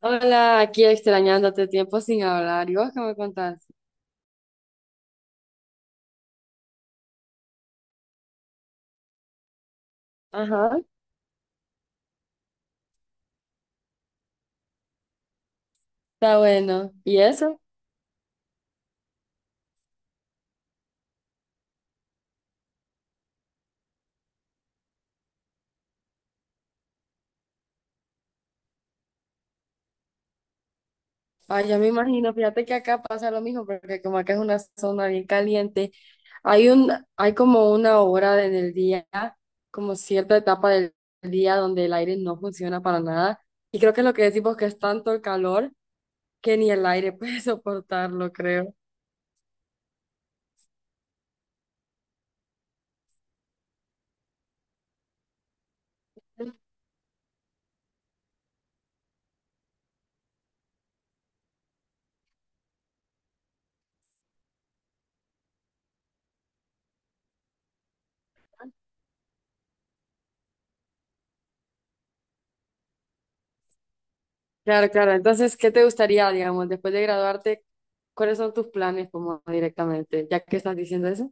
Hola, aquí extrañándote tiempo sin hablar. ¿Y vos qué me contás? Ajá, está bueno. ¿Y eso? Ay, ya me imagino, fíjate que acá pasa lo mismo, porque como acá es una zona bien caliente, hay un, hay como una hora en el día, como cierta etapa del día donde el aire no funciona para nada. Y creo que lo que decimos que es tanto el calor que ni el aire puede soportarlo, creo. Claro, claro. Entonces, ¿qué te gustaría, digamos, después de graduarte, cuáles son tus planes como directamente, ya que estás diciendo eso?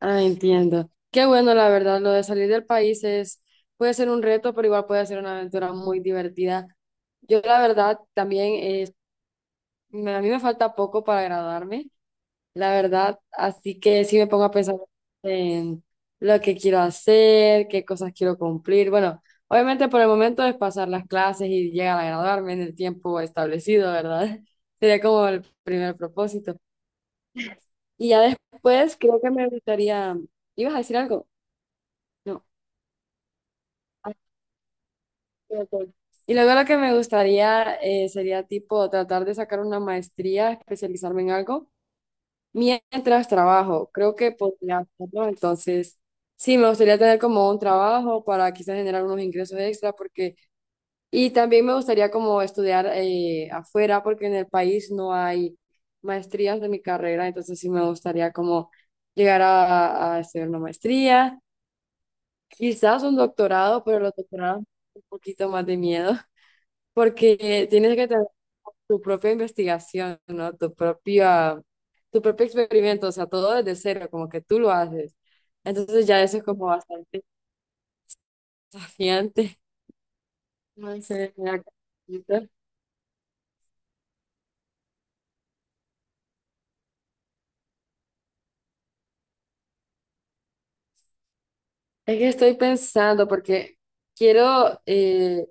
Ah, entiendo. Qué bueno, la verdad, lo de salir del país es, puede ser un reto, pero igual puede ser una aventura muy divertida. Yo, la verdad, también, a mí me falta poco para graduarme, la verdad, así que sí me pongo a pensar en lo que quiero hacer, qué cosas quiero cumplir. Bueno, obviamente por el momento es pasar las clases y llegar a graduarme en el tiempo establecido, ¿verdad? Sería como el primer propósito. Y ya después creo que me gustaría, ¿ibas a decir algo? No. Ok. Y luego lo que me gustaría sería tipo tratar de sacar una maestría, especializarme en algo mientras trabajo. Creo que podría hacerlo. Entonces, sí, me gustaría tener como un trabajo para quizás generar unos ingresos extra porque, y también me gustaría como estudiar afuera porque en el país no hay maestrías de mi carrera. Entonces, sí me gustaría como llegar a estudiar una maestría, quizás un doctorado, pero los doctorados un poquito más de miedo. Porque tienes que tener tu propia investigación, ¿no? Tu propio experimento, o sea, todo desde cero, como que tú lo haces. Entonces ya eso es como bastante desafiante. No sé, mira, ahorita- es que estoy pensando porque quiero,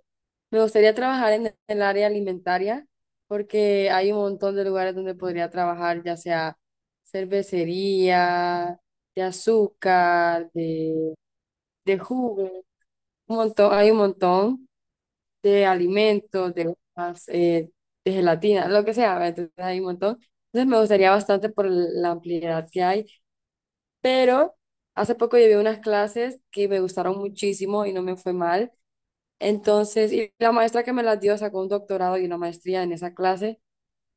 me gustaría trabajar en el área alimentaria porque hay un montón de lugares donde podría trabajar, ya sea cervecería, de azúcar, de jugos. Un montón, hay un montón de alimentos, de hojas, de gelatina, lo que sea, ¿verdad? Entonces hay un montón. Entonces me gustaría bastante por la ampliedad que hay, pero hace poco llevé unas clases que me gustaron muchísimo y no me fue mal. Entonces, y la maestra que me las dio sacó un doctorado y una maestría en esa clase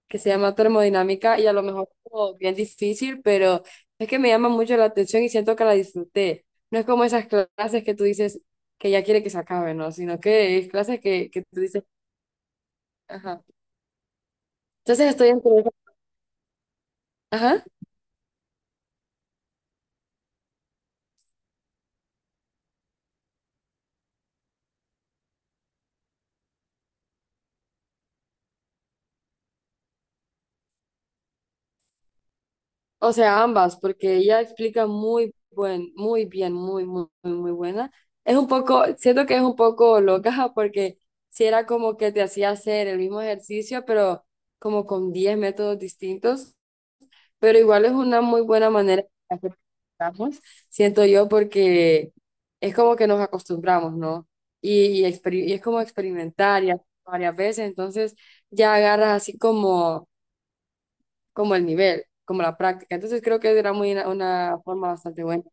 que se llama termodinámica y a lo mejor como bien difícil, pero es que me llama mucho la atención y siento que la disfruté. No es como esas clases que tú dices que ya quiere que se acabe, ¿no? Sino que es clases que tú dices, ajá. Entonces estoy entre, ajá, o sea, ambas, porque ella explica muy bien, muy buena. Es un poco, siento que es un poco loca porque si era como que te hacía hacer el mismo ejercicio, pero como con 10 métodos distintos. Pero igual es una muy buena manera de hacer que estamos, siento yo, porque es como que nos acostumbramos, ¿no? Y y es como experimentar y hacer varias veces, entonces ya agarras así como, como el nivel, como la práctica. Entonces creo que era muy una forma bastante buena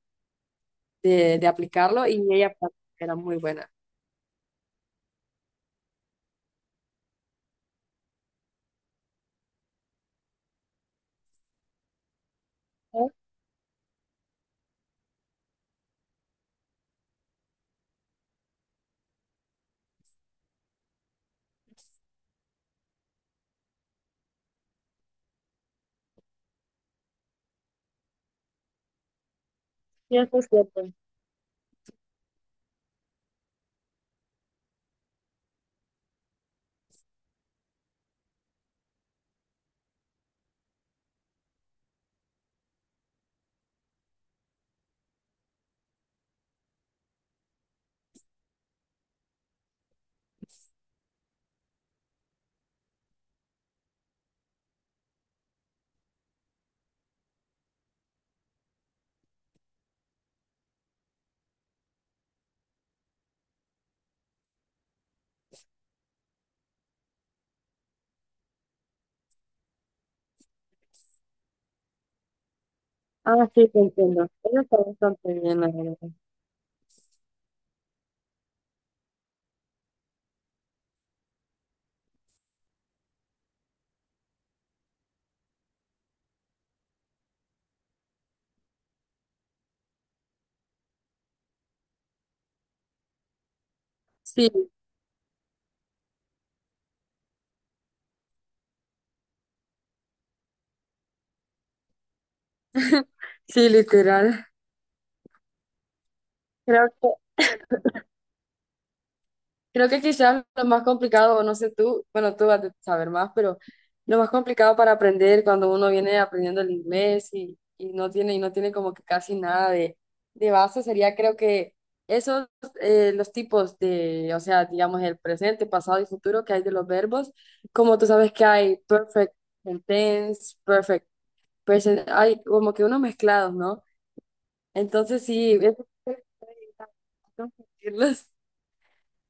de aplicarlo y ella era muy buena. Ah, cierto, cierto. Ah, sí, te entiendo. Ella está bastante bien, la verdad. Sí, sí, literal. Creo que Creo que quizás lo más complicado, o no sé tú, bueno, tú vas a saber más, pero lo más complicado para aprender cuando uno viene aprendiendo el inglés y no tiene como que casi nada de base sería, creo que esos, los tipos de, o sea, digamos, el presente, pasado y futuro que hay de los verbos, como tú sabes que hay perfect tense, perfect present, hay como que unos mezclados, ¿no? Entonces sí, es confundirlos.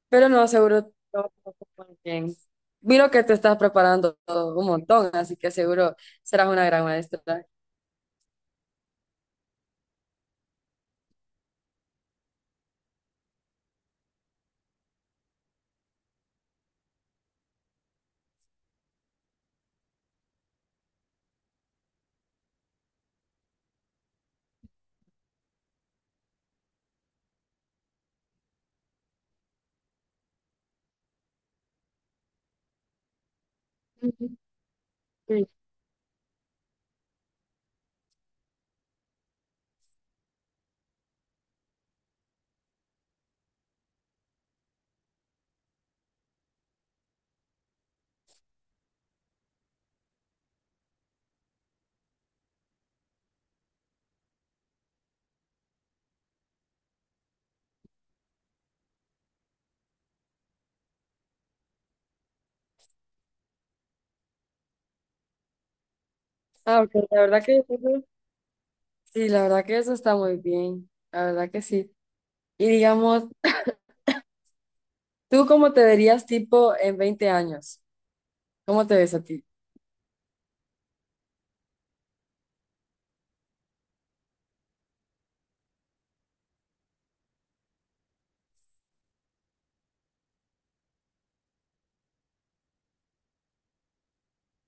Pero no, seguro todo va muy bien. Miro que te estás preparando un montón, así que seguro serás una gran maestra. Ujú, sí. Ah, ok, la verdad que eso- sí, la verdad que eso está muy bien, la verdad que sí. Y digamos, ¿tú cómo te verías tipo en 20 años? ¿Cómo te ves a ti?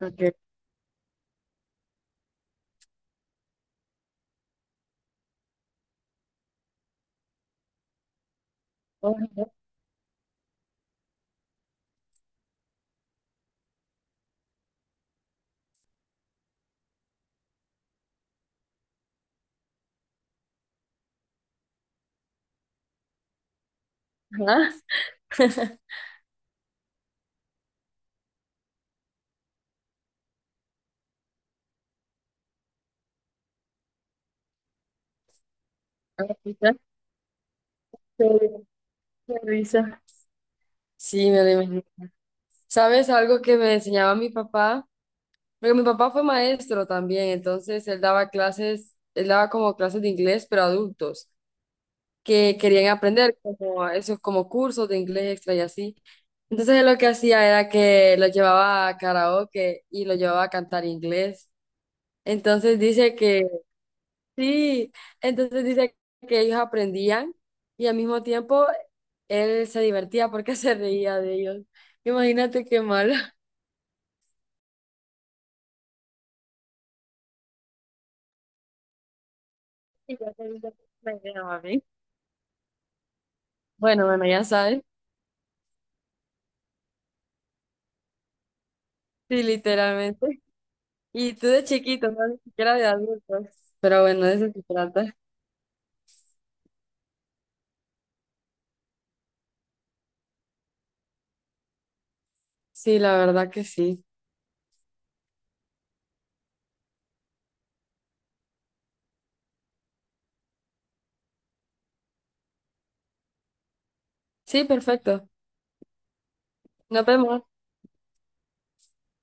Ok. Ajá. Ahora sí, ya. Qué Qué risa. Sí, me lo imagino. ¿Sabes algo que me enseñaba mi papá? Porque mi papá fue maestro también, entonces él daba clases, él daba como clases de inglés, pero a adultos que querían aprender como esos como cursos de inglés extra y así. Entonces él lo que hacía era que lo llevaba a karaoke y lo llevaba a cantar inglés. Entonces dice que sí, entonces dice que ellos aprendían y al mismo tiempo él se divertía porque se reía de ellos. Imagínate qué malo. Y yo te digo, me río, mami. Bueno, bueno, ya sabes. Sí, literalmente. Y tú de chiquito, no, ni siquiera de adultos. Pero bueno, de eso se trata. Sí, la verdad que sí. Sí, perfecto. Nos vemos.